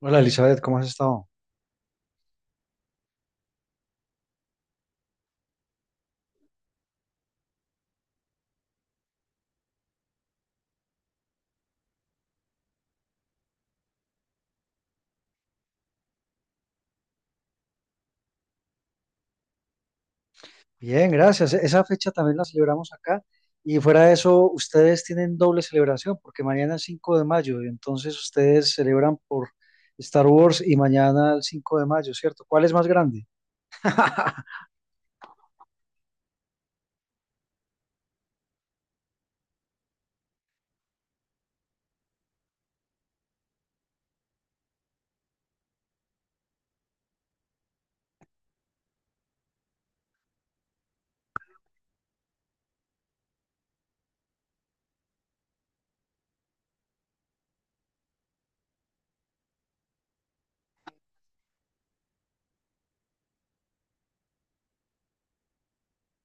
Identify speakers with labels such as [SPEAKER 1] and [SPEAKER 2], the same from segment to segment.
[SPEAKER 1] Hola Elizabeth, ¿cómo has estado? Bien, gracias. Esa fecha también la celebramos acá y fuera de eso, ustedes tienen doble celebración porque mañana es 5 de mayo y entonces ustedes celebran por Star Wars y mañana el 5 de mayo, ¿cierto? ¿Cuál es más grande?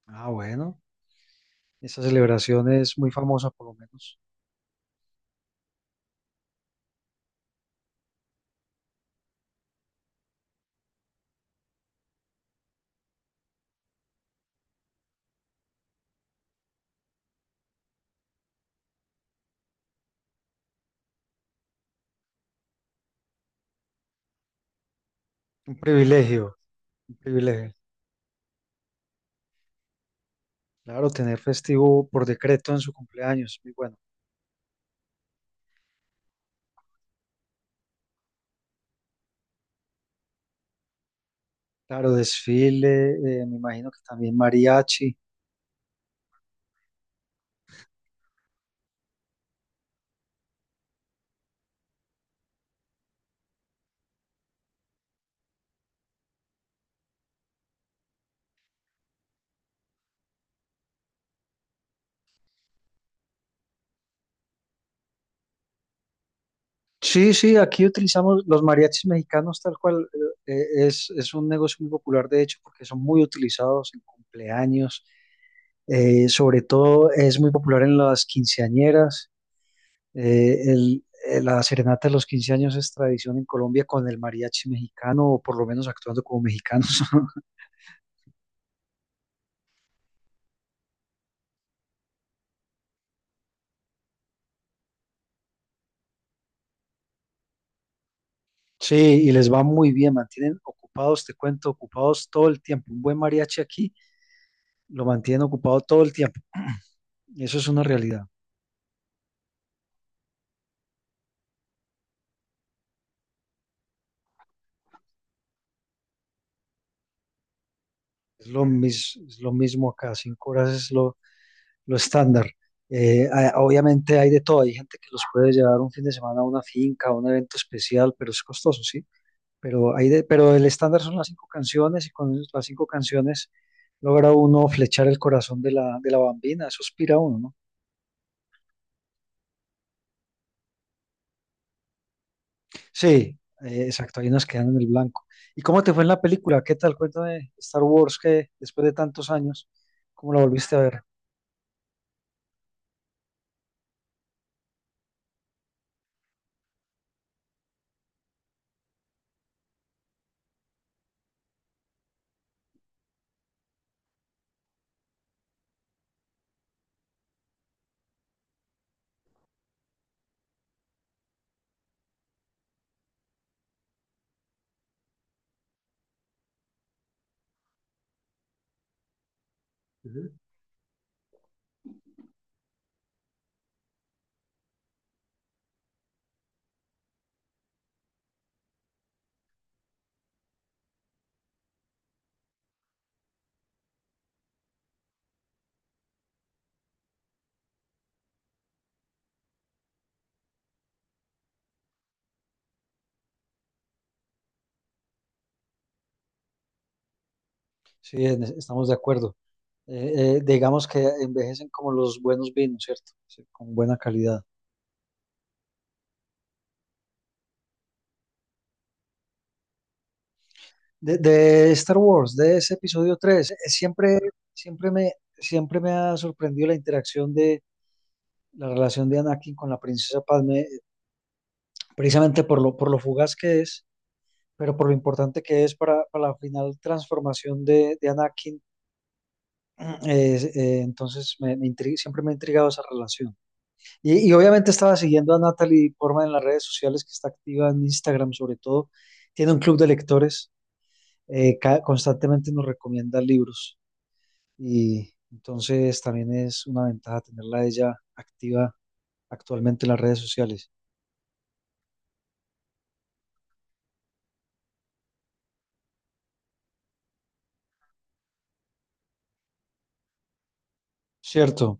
[SPEAKER 1] Ah, bueno, esa celebración es muy famosa por lo menos. Un privilegio, un privilegio. Claro, tener festivo por decreto en su cumpleaños, muy bueno. Claro, desfile, me imagino que también mariachi. Sí, sí, aquí utilizamos los mariachis mexicanos tal cual. eh, es un negocio muy popular, de hecho, porque son muy utilizados en cumpleaños. Sobre todo es muy popular en las quinceañeras. La serenata de los quince años es tradición en Colombia con el mariachi mexicano, o por lo menos actuando como mexicanos. Sí, y les va muy bien, mantienen ocupados, te cuento, ocupados todo el tiempo. Un buen mariachi aquí lo mantienen ocupado todo el tiempo. Eso es una realidad. Es lo mismo acá, cinco horas es lo estándar. Obviamente hay de todo, hay gente que los puede llevar un fin de semana a una finca, a un evento especial, pero es costoso, sí. Pero el estándar son las cinco canciones y con las cinco canciones logra uno flechar el corazón de de la bambina, eso aspira uno, ¿no? Sí, exacto, ahí nos quedan en el blanco. ¿Y cómo te fue en la película? ¿Qué tal? Cuéntame, Star Wars, que después de tantos años, ¿cómo la volviste a ver? Ujú. Estamos de acuerdo. Digamos que envejecen como los buenos vinos, ¿cierto? Sí, con buena calidad. De Star Wars, de ese episodio 3, siempre me, siempre me ha sorprendido la interacción de la relación de Anakin con la princesa Padme, precisamente por por lo fugaz que es, pero por lo importante que es para la final transformación de Anakin. Entonces, siempre me ha intrigado esa relación. Y obviamente estaba siguiendo a Natalie Portman en las redes sociales, que está activa en Instagram sobre todo. Tiene un club de lectores, constantemente nos recomienda libros. Y entonces también es una ventaja tenerla a ella activa actualmente en las redes sociales. Cierto.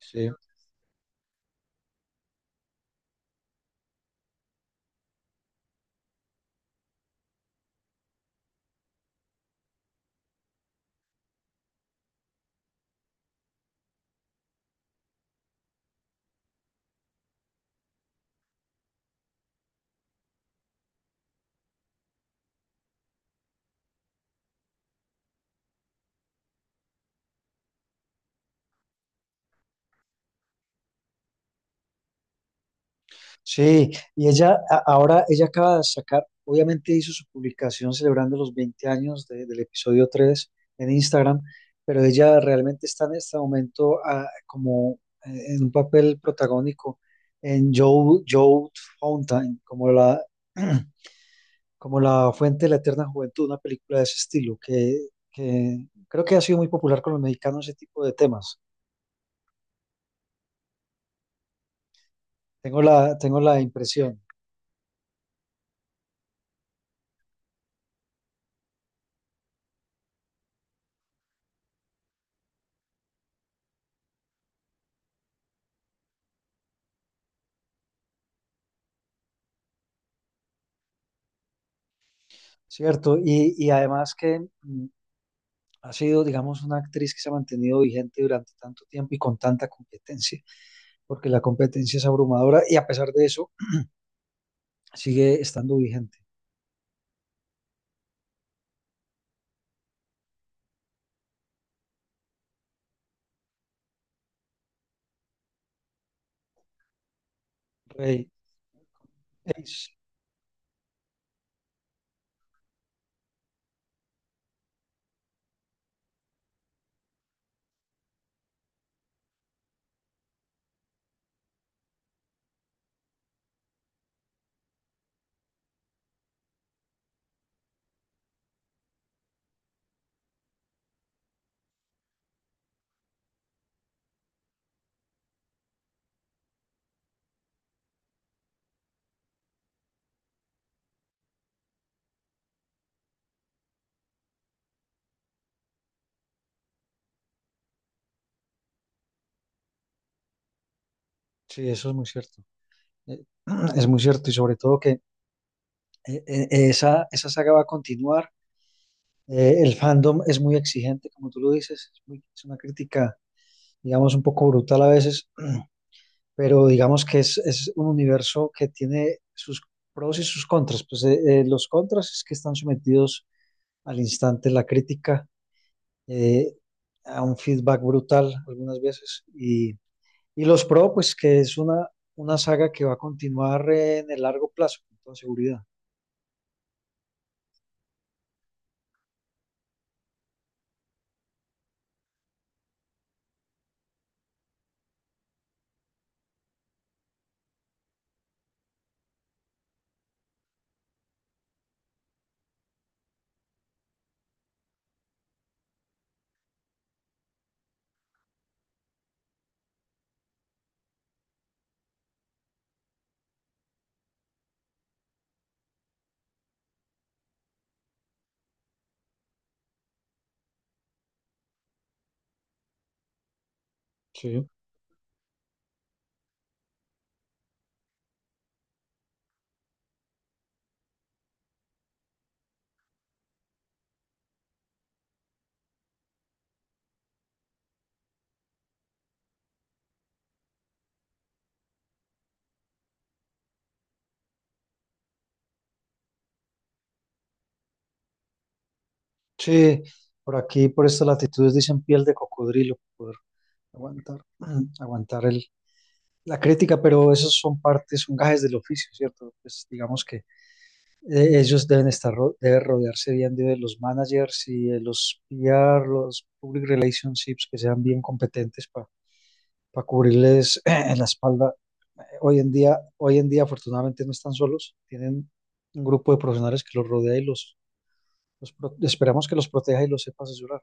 [SPEAKER 1] Sí. Sí, ahora, ella acaba de sacar, obviamente hizo su publicación celebrando los 20 años del episodio 3 en Instagram, pero ella realmente está en este momento como en un papel protagónico en Joe Fountain, como como la fuente de la eterna juventud, una película de ese estilo, que creo que ha sido muy popular con los mexicanos ese tipo de temas. Tengo la impresión, ¿cierto? Y además que... ha sido, digamos, una actriz que se ha mantenido vigente durante tanto tiempo y con tanta competencia, porque la competencia es abrumadora y a pesar de eso sigue estando vigente. Rey, Ace, sí, eso es muy cierto. Eh, es muy cierto y sobre todo que esa saga va a continuar. El fandom es muy exigente, como tú lo dices, es una crítica, digamos, un poco brutal a veces, pero digamos que es un universo que tiene sus pros y sus contras. Pues los contras es que están sometidos al instante la crítica, eh, a un feedback brutal algunas veces. Y los pro, pues que es una saga que va a continuar en el largo plazo, con toda seguridad. Sí. Sí, por aquí, por estas latitudes, dicen piel de cocodrilo, poder aguantar, aguantar la crítica, pero esos son partes, son gajes del oficio, ¿cierto? Pues digamos que ellos deben rodearse bien de los managers y de los PR, los public relationships que sean bien competentes para cubrirles en la espalda. Hoy en día afortunadamente no están solos, tienen un grupo de profesionales que los rodea y esperamos que los proteja y los sepa asesorar.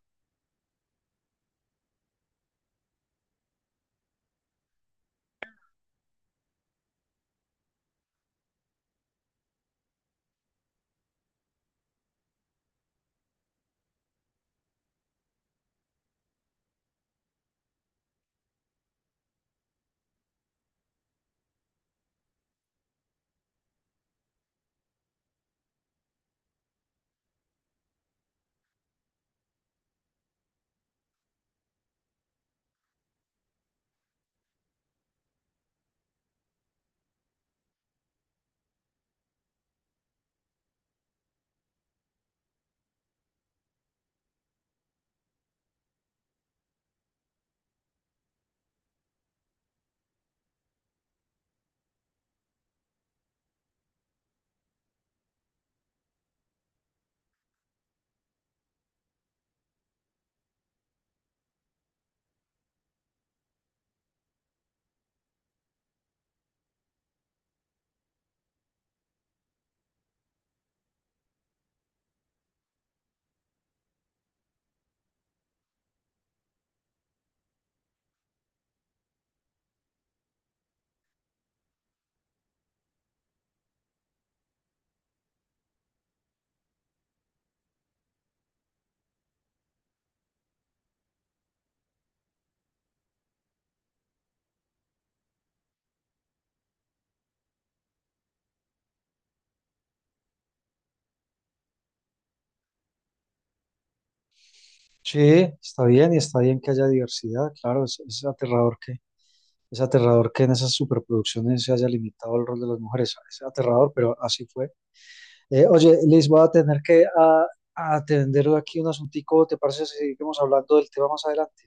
[SPEAKER 1] Sí, está bien y está bien que haya diversidad, claro, es aterrador que en esas superproducciones se haya limitado el rol de las mujeres, es aterrador, pero así fue. Oye, Liz, voy a tener que a atender aquí un asuntico. ¿Te parece si seguimos hablando del tema más adelante?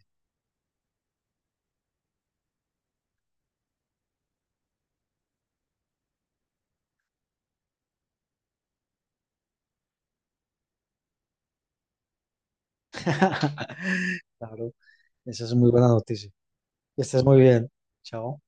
[SPEAKER 1] Claro, esa es muy buena noticia. Que estés muy bien. Chao.